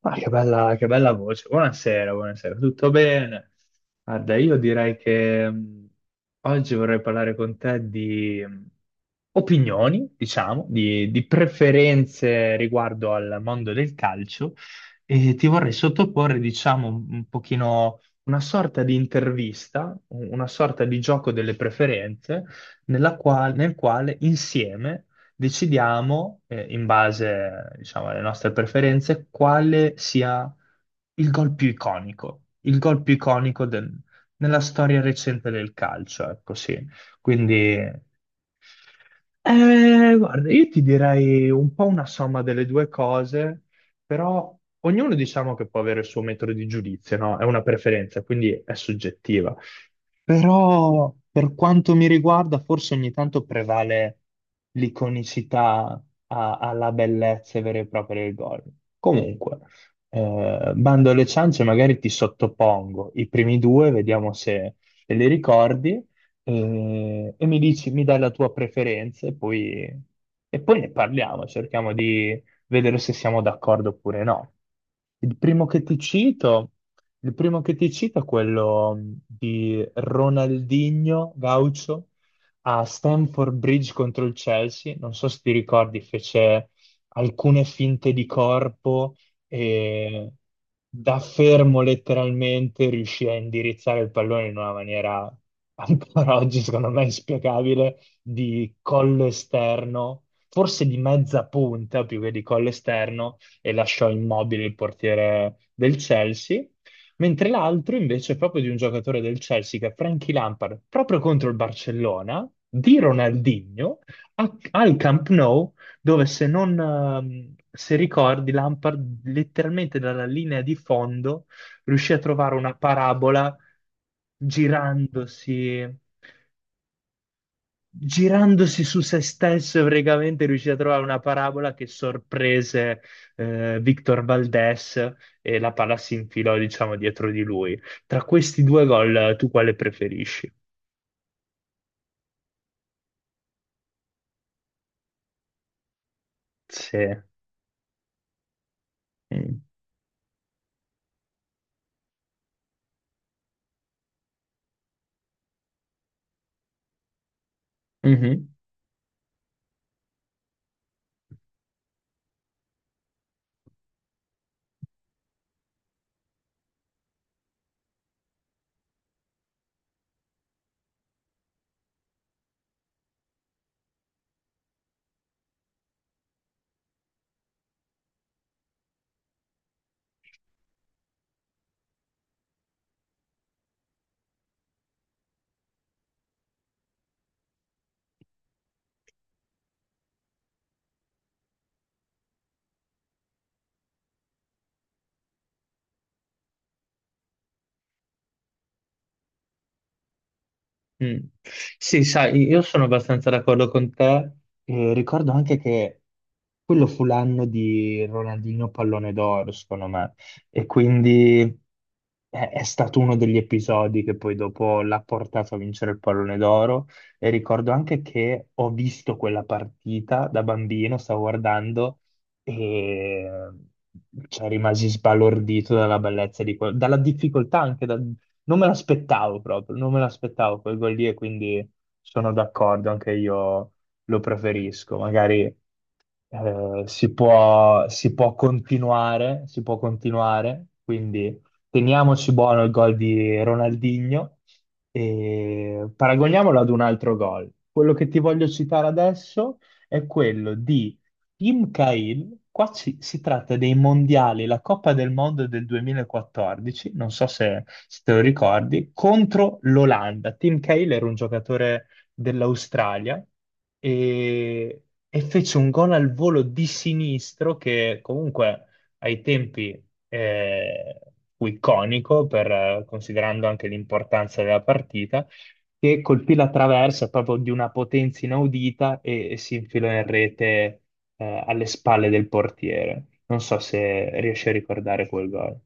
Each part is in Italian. Ma che bella voce. Buonasera, buonasera. Tutto bene? Guarda, io direi che oggi vorrei parlare con te di opinioni, diciamo, di preferenze riguardo al mondo del calcio e ti vorrei sottoporre, diciamo, un pochino una sorta di intervista, una sorta di gioco delle preferenze nel quale insieme decidiamo, in base, diciamo, alle nostre preferenze, quale sia il gol più iconico nella storia recente del calcio, ecco sì. Quindi, guarda, io ti direi un po' una somma delle due cose, però ognuno diciamo che può avere il suo metodo di giudizio, no? È una preferenza, quindi è soggettiva. Però per quanto mi riguarda, forse ogni tanto prevale l'iconicità alla bellezza vera e propria del gol. Comunque, bando alle ciance, magari ti sottopongo i primi due, vediamo se, li ricordi, e mi dici, mi dai la tua preferenza e poi, ne parliamo, cerchiamo di vedere se siamo d'accordo oppure no. Il primo che ti cito. Il primo che ti cito è quello di Ronaldinho Gaucho a Stamford Bridge contro il Chelsea. Non so se ti ricordi, fece alcune finte di corpo e da fermo letteralmente riuscì a indirizzare il pallone in una maniera ancora oggi, secondo me, inspiegabile, di collo esterno, forse di mezza punta più che di collo esterno, e lasciò immobile il portiere del Chelsea mentre l'altro invece è proprio di un giocatore del Chelsea che è Frankie Lampard, proprio contro il Barcellona, di Ronaldinho, al Camp Nou, dove se ricordi, Lampard letteralmente dalla linea di fondo riuscì a trovare una parabola girandosi girandosi su se stesso e praticamente riuscì a trovare una parabola che sorprese Victor Valdés e la palla si infilò, diciamo, dietro di lui. Tra questi due gol, tu quale preferisci? Sì. Mm. Mhm. Mm. Sì, sai, io sono abbastanza d'accordo con te. E ricordo anche che quello fu l'anno di Ronaldinho Pallone d'Oro, secondo me, e quindi è stato uno degli episodi che poi dopo l'ha portato a vincere il Pallone d'Oro. E ricordo anche che ho visto quella partita da bambino, stavo guardando e cioè, rimasi sbalordito dalla bellezza di quello, dalla difficoltà anche non me l'aspettavo proprio, non me l'aspettavo quel gol lì e quindi sono d'accordo, anche io lo preferisco. Magari si può continuare, quindi teniamoci buono il gol di Ronaldinho e paragoniamolo ad un altro gol. Quello che ti voglio citare adesso è quello di Team Cahill, qua si tratta dei mondiali, la Coppa del Mondo del 2014, non so se, te lo ricordi, contro l'Olanda. Team Cahill era un giocatore dell'Australia e, fece un gol al volo di sinistro che comunque ai tempi eh, fu iconico, per, considerando anche l'importanza della partita che colpì la traversa proprio di una potenza inaudita e, si infilò in rete alle spalle del portiere. Non so se riesci a ricordare quel gol.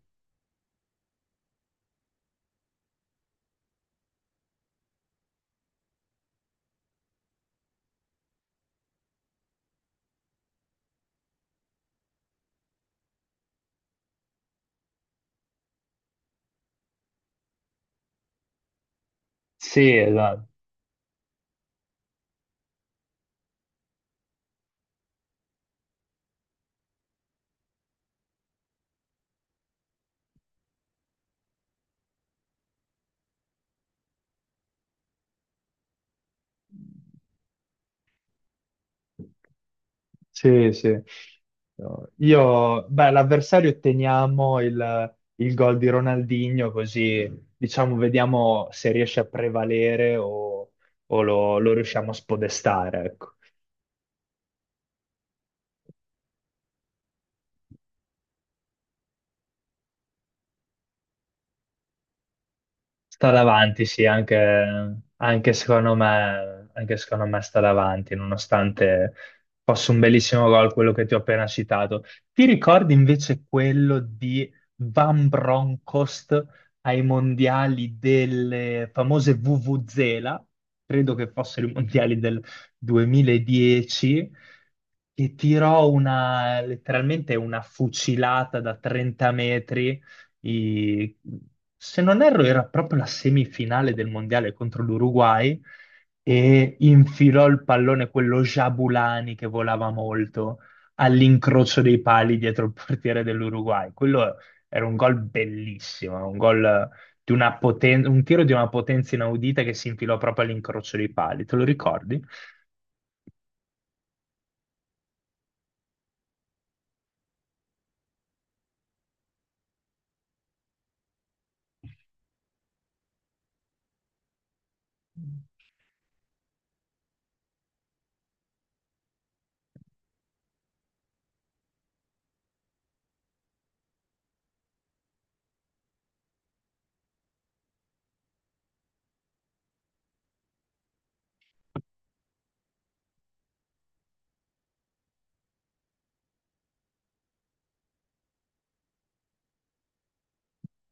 Sì, esatto. Sì, sì. No, io, beh, l'avversario otteniamo il gol di Ronaldinho, così diciamo vediamo se riesce a prevalere o, lo riusciamo a spodestare, ecco. Sta davanti, sì, anche secondo me sta davanti, nonostante fosse un bellissimo gol quello che ti ho appena citato. Ti ricordi invece quello di Van Bronckhorst ai mondiali delle famose Vuvuzela? Credo che fossero i mondiali del 2010, che tirò una, letteralmente una fucilata da 30 metri i- se non erro, era proprio la semifinale del mondiale contro l'Uruguay e infilò il pallone, quello Jabulani che volava molto, all'incrocio dei pali dietro il portiere dell'Uruguay. Quello era un gol bellissimo, un gol un tiro di una potenza inaudita che si infilò proprio all'incrocio dei pali. Te lo ricordi?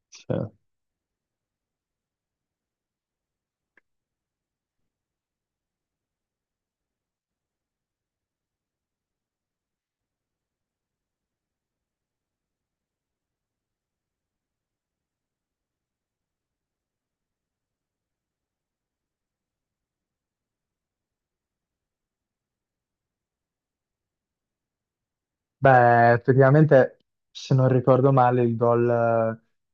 Sì. Beh, effettivamente, se non ricordo male, il gol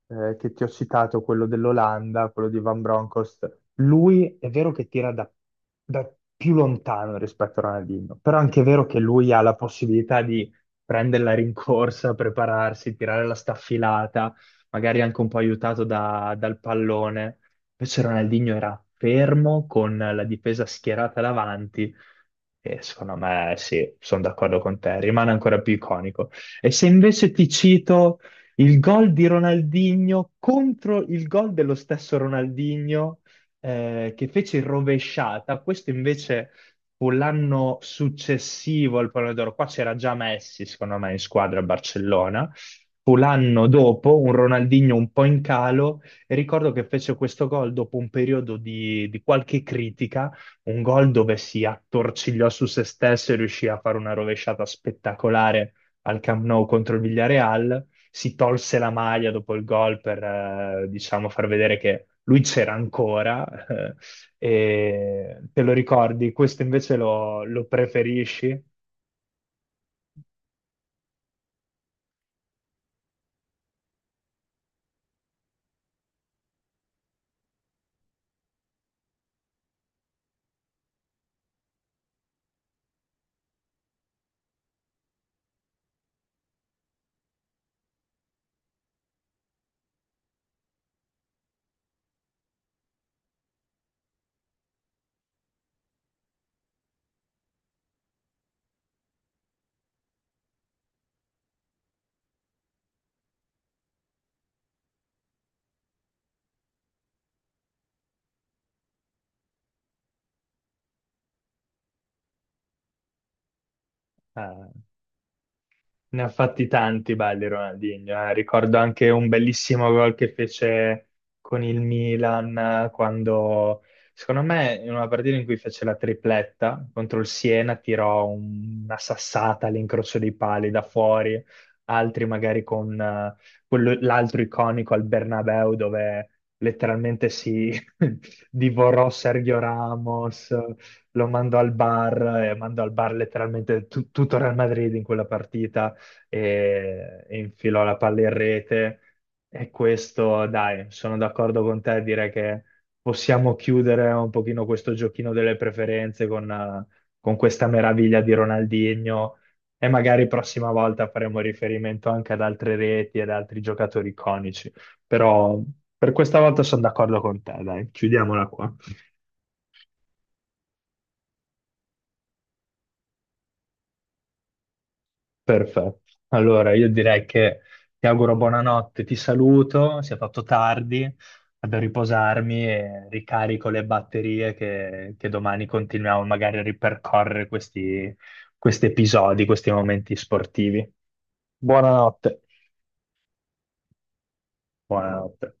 che ti ho citato, quello dell'Olanda, quello di Van Bronckhorst, lui è vero che tira da, più lontano rispetto a Ronaldinho, però anche è vero che lui ha la possibilità di prendere la rincorsa, prepararsi, tirare la staffilata, magari anche un po' aiutato dal pallone. Invece Ronaldinho era fermo con la difesa schierata davanti e secondo me sì, sono d'accordo con te, rimane ancora più iconico. E se invece ti cito il gol di Ronaldinho contro il gol dello stesso Ronaldinho che fece in rovesciata, questo invece fu l'anno successivo al Pallone d'Oro, qua c'era già Messi secondo me in squadra a Barcellona, fu l'anno dopo un Ronaldinho un po' in calo e ricordo che fece questo gol dopo un periodo di qualche critica. Un gol dove si attorcigliò su se stesso e riuscì a fare una rovesciata spettacolare al Camp Nou contro il Villarreal. Si tolse la maglia dopo il gol per, diciamo, far vedere che lui c'era ancora. E te lo ricordi? Questo invece lo preferisci? Eh, Ne ha fatti tanti belli Ronaldinho, eh. Ricordo anche un bellissimo gol che fece con il Milan quando, secondo me, in una partita in cui fece la tripletta contro il Siena, tirò una sassata all'incrocio dei pali da fuori, altri magari con l'altro iconico al Bernabeu dove letteralmente si divorò Sergio Ramos, lo mandò al bar e mandò al bar letteralmente tutto Real Madrid in quella partita e, infilò la palla in rete. E questo, dai, sono d'accordo con te a dire che possiamo chiudere un pochino questo giochino delle preferenze con questa meraviglia di Ronaldinho e magari prossima volta faremo riferimento anche ad altre reti ed altri giocatori iconici. Però per questa volta sono d'accordo con te, dai, chiudiamola qua. Perfetto. Allora, io direi che ti auguro buonanotte, ti saluto, si è fatto tardi, vado a riposarmi e ricarico le batterie che domani continuiamo magari a ripercorrere questi episodi, questi momenti sportivi. Buonanotte. Buonanotte.